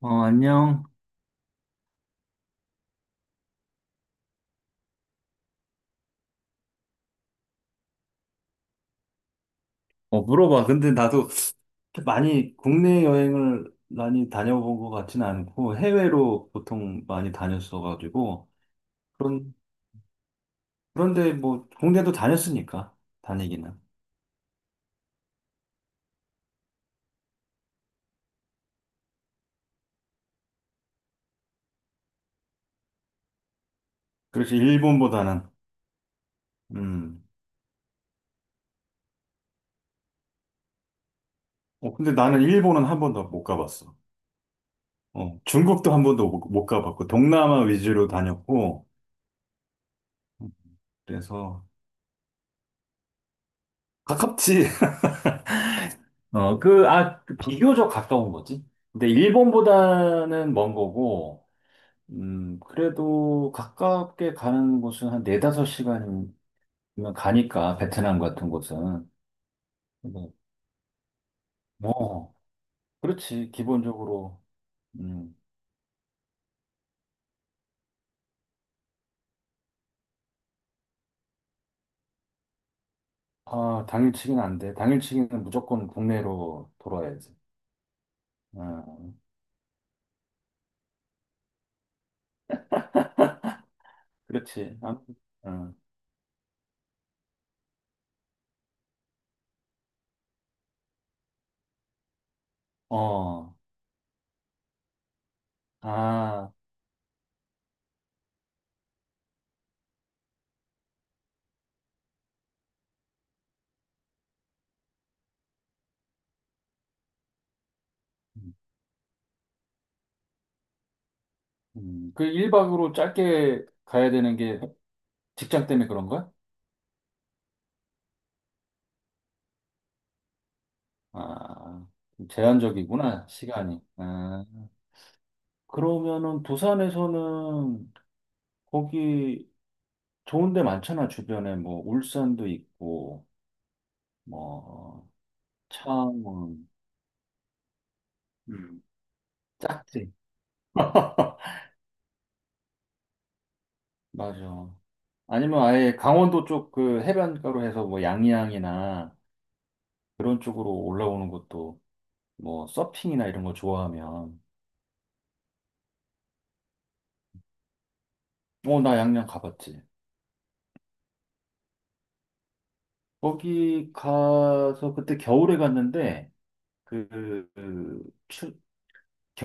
어, 안녕. 어, 물어봐. 근데 나도 많이 국내 여행을 많이 다녀본 것 같지는 않고 해외로 보통 많이 다녔어가지고 그런 그런데 뭐 국내도 다녔으니까 다니기는. 그렇지, 일본보다는 음. 어, 근데 나는 일본은 한 번도 못 가봤어. 어, 중국도 한 번도 못 가봤고 동남아 위주로 다녔고 그래서 가깝지. 비교적 가까운 거지. 근데 일본보다는 먼 거고. 그래도 가깝게 가는 곳은 한 네다섯 시간이면 가니까, 베트남 같은 곳은. 뭐, 뭐, 그렇지, 기본적으로. 음, 아, 당일치기는 안 돼. 당일치기는 무조건 국내로 돌아야지. 어, 그렇지. 아, 어, 어, 아, 음, 1박으로 짧게 가야 되는 게 직장 때문에 그런 거야? 아, 좀 제한적이구나, 시간이. 아, 그러면은 부산에서는 거기 좋은 데 많잖아, 주변에. 뭐, 울산도 있고, 뭐, 창원, 음. 짝지. 맞아. 아니면 아예 강원도 쪽 그 해변가로 해서 뭐, 양양이나 그런 쪽으로 올라오는 것도 뭐, 서핑이나 이런 거 좋아하면. 어, 나 양양 가봤지. 거기 가서 그때 겨울에 갔는데, 그, 그 추,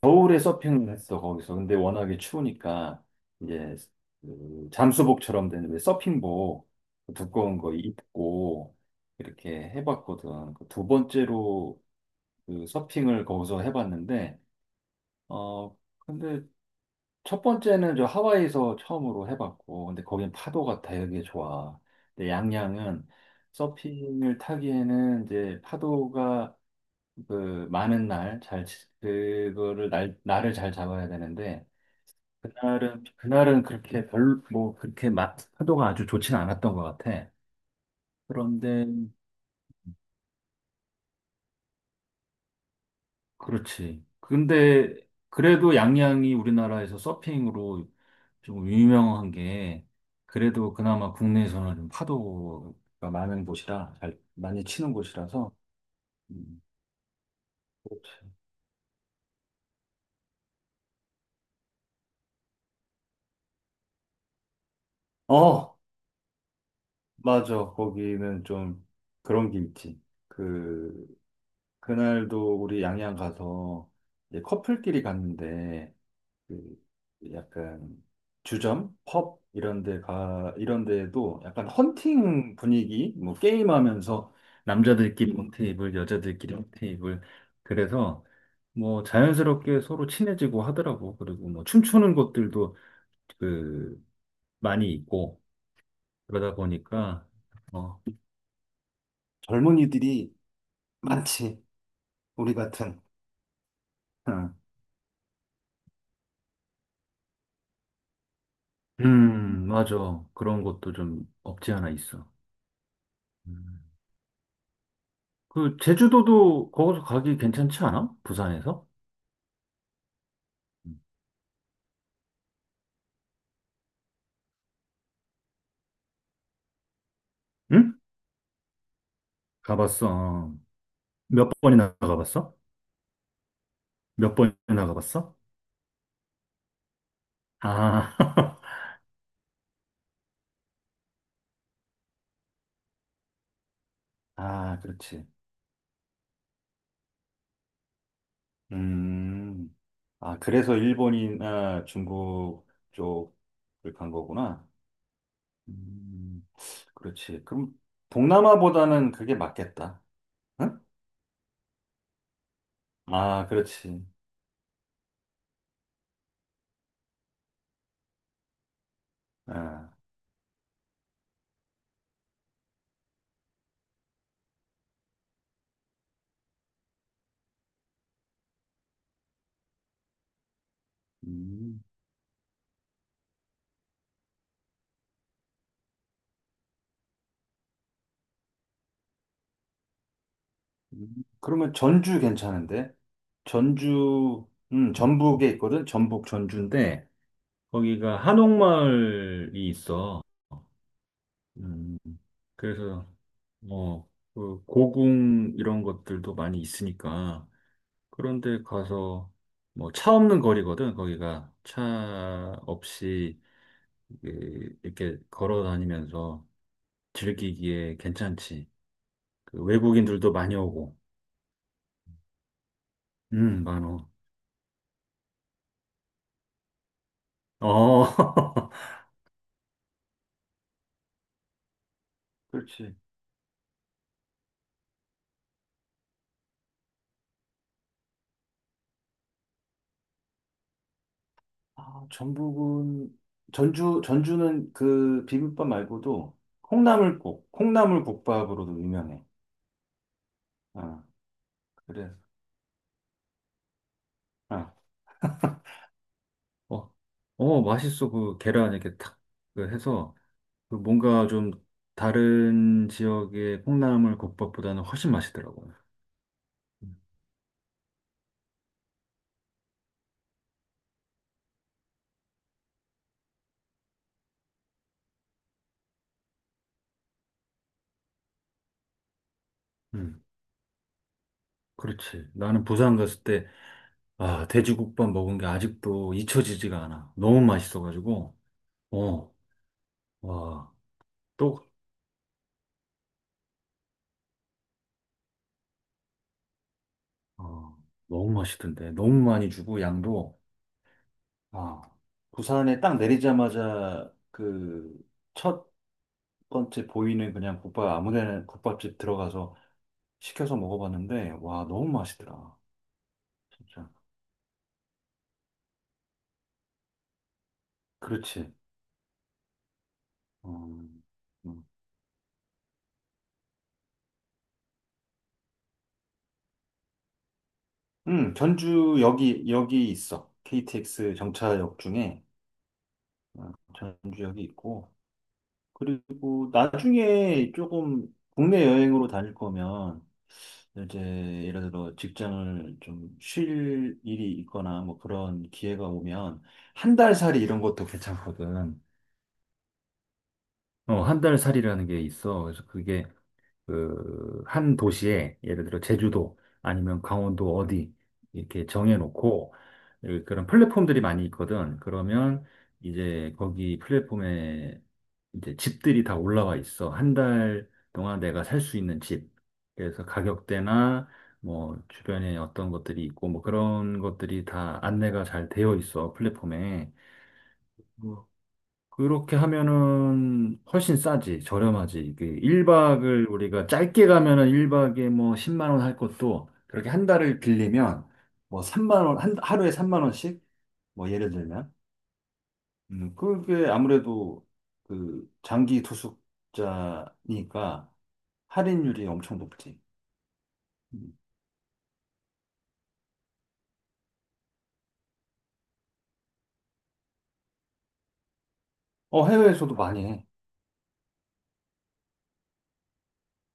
겨울에 서핑을 했어 거기서. 근데 워낙에 추우니까 이제 그 잠수복처럼 된 왜 서핑복, 그 두꺼운 거 입고 이렇게 해봤거든, 그두 번째로 그 서핑을 거기서 해봤는데. 근데 첫 번째는 저 하와이에서 처음으로 해봤고, 근데 거긴 파도가 되게 좋아. 근데 양양은 서핑을 타기에는 이제 파도가 그 많은 날 잘 그거를 날 날을 잘 잡아야 되는데, 그날은 그렇게 별로 뭐 그렇게 파도가 아주 좋진 않았던 것 같아. 그런데 그렇지. 근데 그래도 양양이 우리나라에서 서핑으로 좀 유명한 게, 그래도 그나마 국내에서는 좀 파도가 많은 곳이라, 잘 많이 치는 곳이라서. 음, 그렇지. 어, 맞아. 거기는 좀 그런 게 있지. 그 그날도 우리 양양 가서 이제 커플끼리 갔는데, 그 약간 주점, 펍 이런 이런 데에도 약간 헌팅 분위기, 뭐 게임하면서 남자들끼리 테이블, 여자들끼리 테이블. 그래서 뭐 자연스럽게 서로 친해지고 하더라고. 그리고 뭐 춤추는 것들도 그 많이 있고. 그러다 보니까 어, 젊은이들이 많지. 우리 같은. 응. 맞아. 그런 것도 좀 없지 않아 있어. 음. 제주도도 거기서 가기 괜찮지 않아? 부산에서? 응? 가봤어. 어. 몇 번이나 가봤어? 몇 번이나 가봤어? 아, 아, 그렇지. 음, 아, 그래서 일본이나 중국 쪽을 간 거구나. 음, 그렇지. 그럼 동남아보다는 그게 맞겠다. 응? 아, 그렇지. 아, 음. 음, 그러면 전주 괜찮은데? 전주, 전북에 있거든? 전북 전주인데, 거기가 한옥마을이 있어. 음, 그래서, 어, 그 고궁 이런 것들도 많이 있으니까. 그런데 가서, 뭐, 차 없는 거리거든, 거기가. 차 없이, 이렇게 걸어 다니면서 즐기기에 괜찮지. 외국인들도 많이 오고. 많어. 어. 그렇지. 아, 전북은 전주는 그 비빔밥 말고도 콩나물국밥으로도 유명해. 아, 그래. 아, 어, 어, 맛있어. 그 계란 이렇게 탁, 그 해서, 뭔가 좀 다른 지역의 콩나물 국밥보다는 훨씬 맛있더라고. 음, 음, 그렇지. 나는 부산 갔을 때, 아, 돼지국밥 먹은 게 아직도 잊혀지지가 않아. 너무 맛있어가지고, 어, 와. 또 어, 너무 맛있던데. 너무 많이 주고, 양도. 아, 부산에 딱 내리자마자 첫 번째 보이는 그냥 국밥, 아무 데나 국밥집 들어가서 시켜서 먹어봤는데, 와, 너무 맛있더라. 진짜. 그렇지. 음, 음. 전주 여기 있어. KTX 정차역 중에 어, 전주역이 있고. 그리고 나중에 조금 국내 여행으로 다닐 거면 이제 예를 들어 직장을 좀 쉴 일이 있거나 뭐 그런 기회가 오면 한 달 살이 이런 것도 괜찮거든. 한 달 살이라는 게 있어. 그래서 그게 그 한 도시에 예를 들어 제주도 아니면 강원도 어디 이렇게 정해놓고, 예, 그런 플랫폼들이 많이 있거든. 그러면 이제 거기 플랫폼에 이제 집들이 다 올라와 있어. 한 달 동안 내가 살 수 있는 집. 그래서 가격대나 뭐 주변에 어떤 것들이 있고 뭐 그런 것들이 다 안내가 잘 되어 있어, 플랫폼에. 그렇게 하면은 훨씬 싸지, 저렴하지. 이게 1박을 우리가 짧게 가면은 1박에 뭐 10만 원 할 것도 그렇게 한 달을 빌리면 뭐 3만 원, 하루에 3만 원씩? 뭐 예를 들면. 그게 아무래도 그 장기 투숙자니까 할인율이 엄청 높지. 음. 어, 해외에서도 많이 해.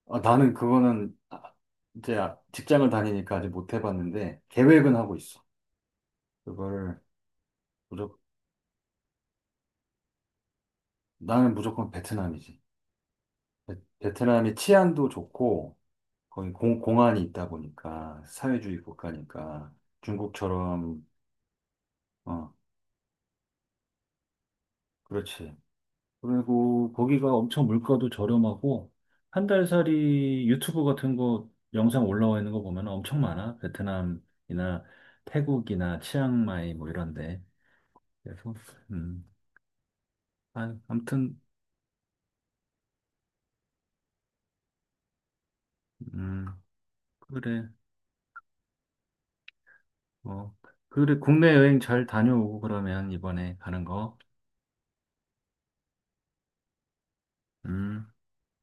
아, 나는 그거는 이제 직장을 다니니까 아직 못 해봤는데 계획은 하고 있어. 그거를 나는 무조건 베트남이지. 베, 베트남이 치안도 좋고, 거기 공안이 있다 보니까, 사회주의 국가니까, 중국처럼, 어, 그렇지. 그리고 거기가 엄청 물가도 저렴하고 한 달살이 유튜브 같은 거 영상 올라와 있는 거 보면 엄청 많아. 베트남이나 태국이나 치앙마이 뭐 이런데. 그래서 음. 아, 아무튼 음. 그래. 뭐 그래 국내 여행 잘 다녀오고 그러면, 이번에 가는 거. 음.